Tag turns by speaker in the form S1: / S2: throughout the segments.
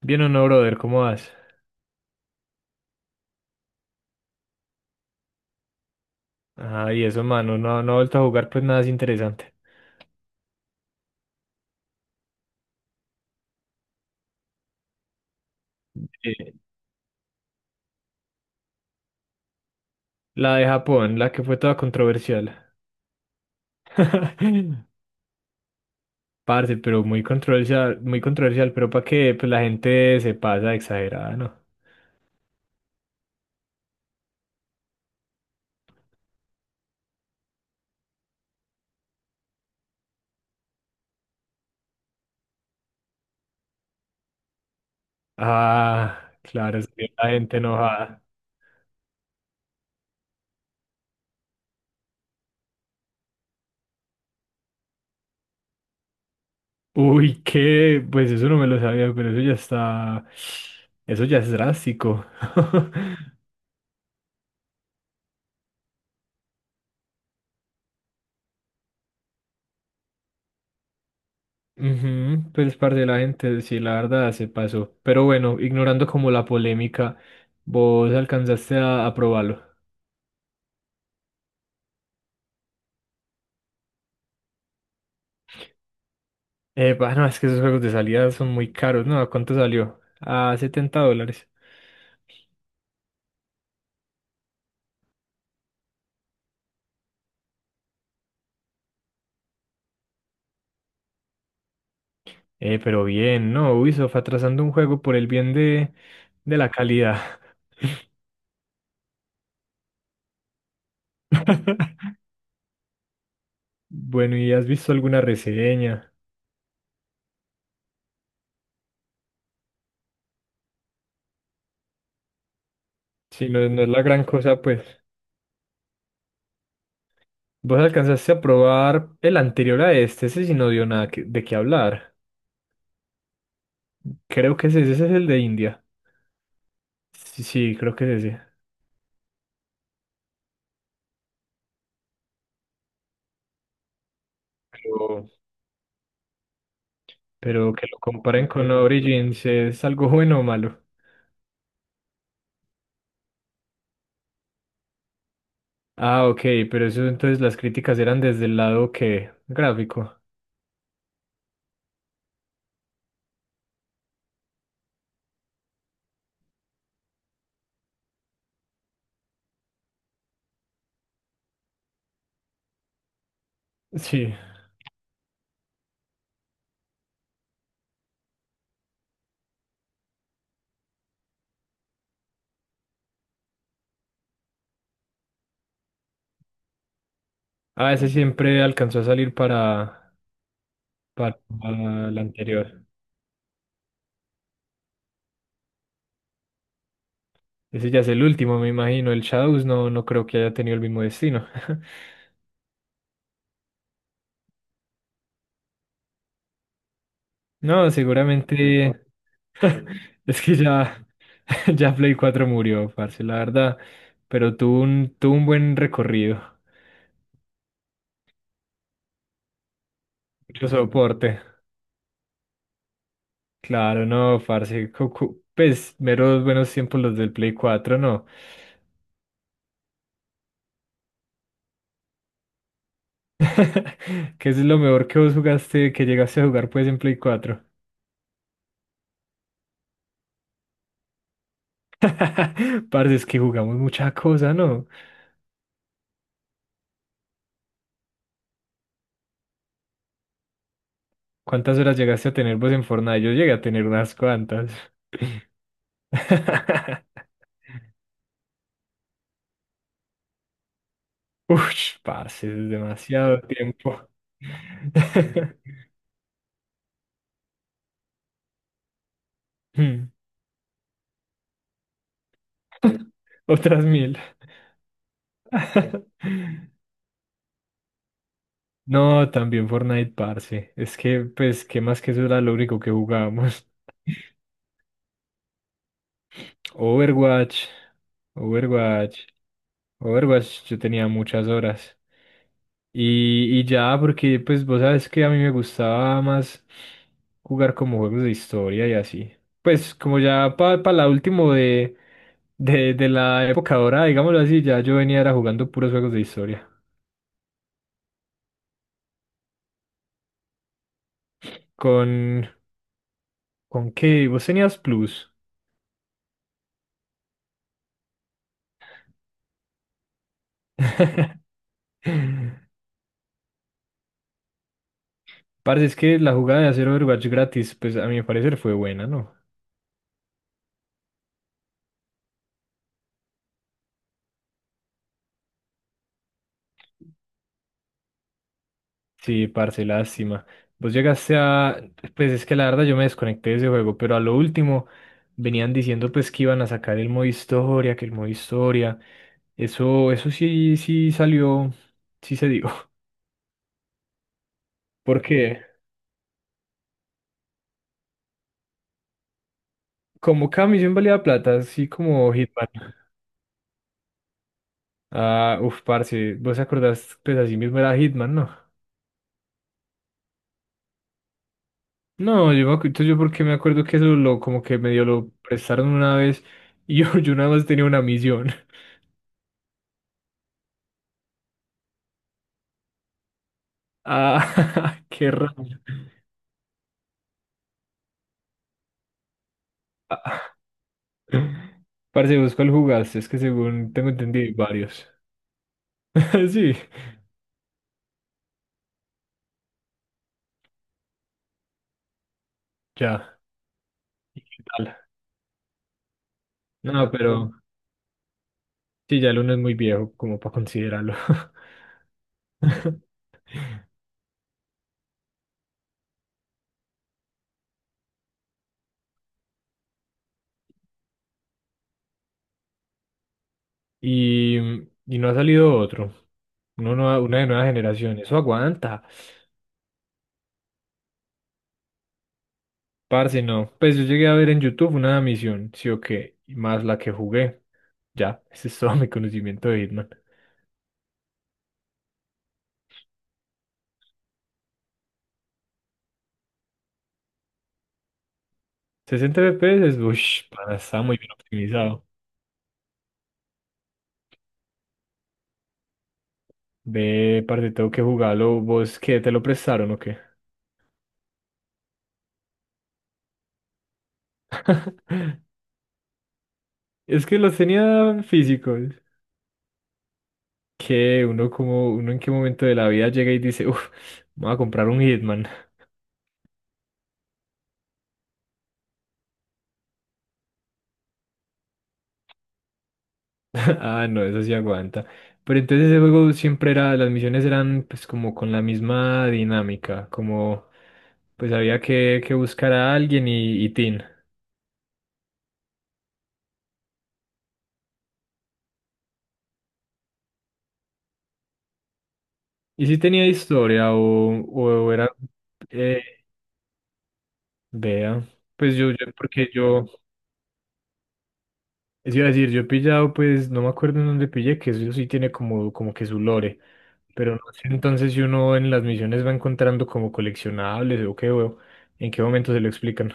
S1: Bien o no, brother, ¿cómo vas? Ah, y eso, mano, no, no ha vuelto a jugar pues nada es interesante. Eh, la de Japón, la que fue toda controversial. Parce, pero muy controversial, pero para que pues, la gente se pasa de exagerada, ¿no? Ah, claro, salió la gente enojada. Uy, qué, pues eso no me lo sabía, pero eso ya está, eso ya es drástico. Ujú, pues parte de la gente, sí, la verdad se pasó. Pero bueno, ignorando como la polémica, vos alcanzaste a probarlo. Bueno, es que esos juegos de salida son muy caros, ¿no? ¿A cuánto salió? A 70 dólares. Pero bien, ¿no? Ubisoft atrasando un juego por el bien de la calidad. Bueno, ¿y has visto alguna reseña? Si no, no es la gran cosa, pues. Vos alcanzaste a probar el anterior a este, ese sí no dio nada de qué hablar. Creo que ese es el de India. Sí, sí, creo que es ese. Pero, Pero comparen con pero, Origins, ¿es algo bueno o malo? Ah, ok, pero eso entonces las críticas eran desde el lado que gráfico. Sí. A ese siempre alcanzó a salir para el anterior. Ese ya es el último, me imagino. El Shadows no, no creo que haya tenido el mismo destino. No, seguramente es que ya, ya Play 4 murió, parce, la verdad. Pero tuvo un buen recorrido. Mucho soporte. Claro, no, parce. Pues, meros buenos tiempos los del Play 4, no. ¿Qué es lo mejor que vos jugaste, que llegaste a jugar, pues, en Play 4? Parce, es que jugamos mucha cosa, ¿no? ¿Cuántas horas llegaste a tener vos en Fortnite? Yo llegué a tener unas cuantas. Ush, parce, es demasiado tiempo. Hmm. Otras 1.000. No, también Fortnite, parce. Es que, pues, ¿qué más que eso era lo único que jugábamos? Overwatch, Overwatch, Overwatch, yo tenía muchas horas. Y ya, porque pues vos sabes que a mí me gustaba más jugar como juegos de historia y así. Pues como ya para la último de, de la época dorada, digámoslo así, ya yo venía era jugando puros juegos de historia. ¿Con, con qué? ¿Vos tenías Plus? Parce, es que la jugada de hacer Overwatch gratis, pues a mi parecer fue buena, ¿no? Sí, parce, lástima. Vos llegaste a... Pues es que la verdad yo me desconecté de ese juego, pero a lo último venían diciendo pues que iban a sacar el modo historia, que el modo historia. Eso sí, sí salió, sí se dijo. Porque como cada misión valía plata, así como Hitman. Ah, uf, parce, vos te acordás, pues así mismo era Hitman, ¿no? No, yo entonces yo porque me acuerdo que eso lo, como que medio lo prestaron una vez y yo nada más tenía una misión. Ah, qué raro. Parce, busco el jugaste, es que según tengo entendido hay varios. Sí, ya. ¿Qué tal? No, pero sí, ya el uno es muy viejo como para considerarlo. Y, y no ha salido otro. Uno no, una de nueva generación. Eso aguanta. Parce, no. Pues yo llegué a ver en YouTube una misión, sí o qué, y más la que jugué. Ya, ese es todo mi conocimiento de Hitman. 60 FPS, uff, para, está muy bien optimizado. Ve, parce, tengo que jugarlo. ¿Vos qué? ¿Te lo prestaron o qué? Es que los tenía físicos. Que uno en qué momento de la vida llega y dice, uff, voy a comprar un Hitman. Ah, no, eso sí aguanta. Pero entonces ese juego siempre era, las misiones eran pues como con la misma dinámica, como pues había que buscar a alguien y tin. ¿Y si tenía historia o era... eh, vea, pues yo, porque yo, es iba a decir, yo he pillado, pues no me acuerdo en dónde pillé, que eso sí tiene como que su lore. Pero no sé entonces si uno en las misiones va encontrando como coleccionables o qué, o en qué momento se lo explican.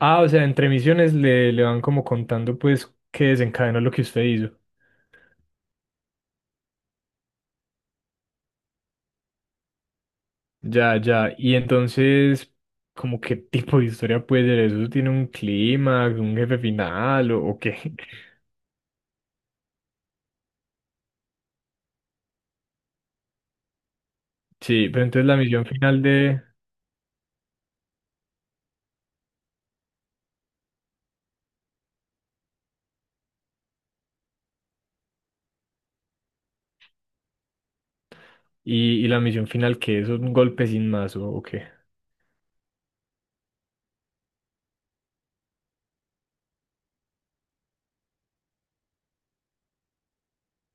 S1: Ah, o sea, entre misiones le van como contando pues qué desencadenó lo que usted hizo. Ya, ya. Y entonces, ¿como qué tipo de historia puede ser eso? ¿Tiene un clímax, un jefe final o qué? Sí, pero entonces la misión final de... Y la misión final que es un golpe sin más o qué.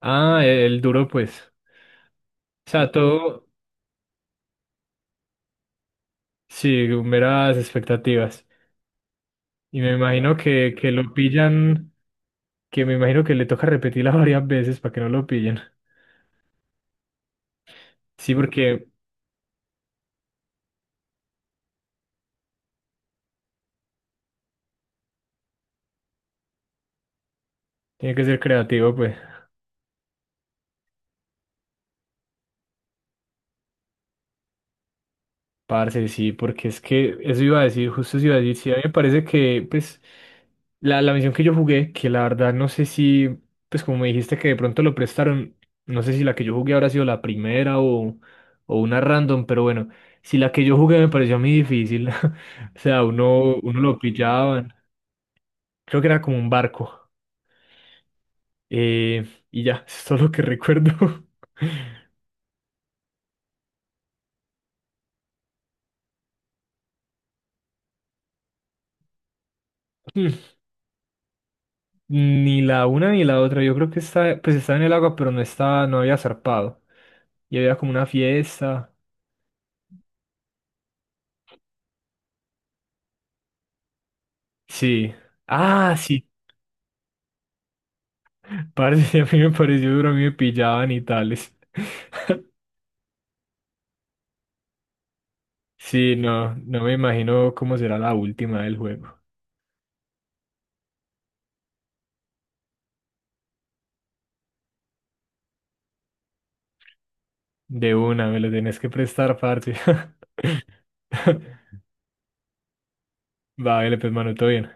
S1: Ah, el duro pues. O sea, todo, sí, meras expectativas. Y me imagino que lo pillan, que me imagino que le toca repetirla varias veces para que no lo pillen. Sí, porque tiene que ser creativo, pues. Parce, sí, porque es que eso iba a decir, justo eso iba a decir, sí, a mí me parece que, pues, la misión que yo jugué, que la verdad no sé si, pues como me dijiste que de pronto lo prestaron, no sé si la que yo jugué habrá sido la primera o una random, pero bueno, si la que yo jugué me pareció a mí difícil, o sea, uno lo pillaban, creo que era como un barco. Eh, y ya, eso es todo lo que recuerdo. Hmm. Ni la una ni la otra. Yo creo que está, pues estaba en el agua, pero no estaba, no había zarpado. Y había como una fiesta. Sí. Ah, sí. Parce, a mí me pareció duro, a mí me pillaban y tales. Sí, no, no me imagino cómo será la última del juego. De una, me lo tenés que prestar, parce. Va, vale, pues, mano, todo bien.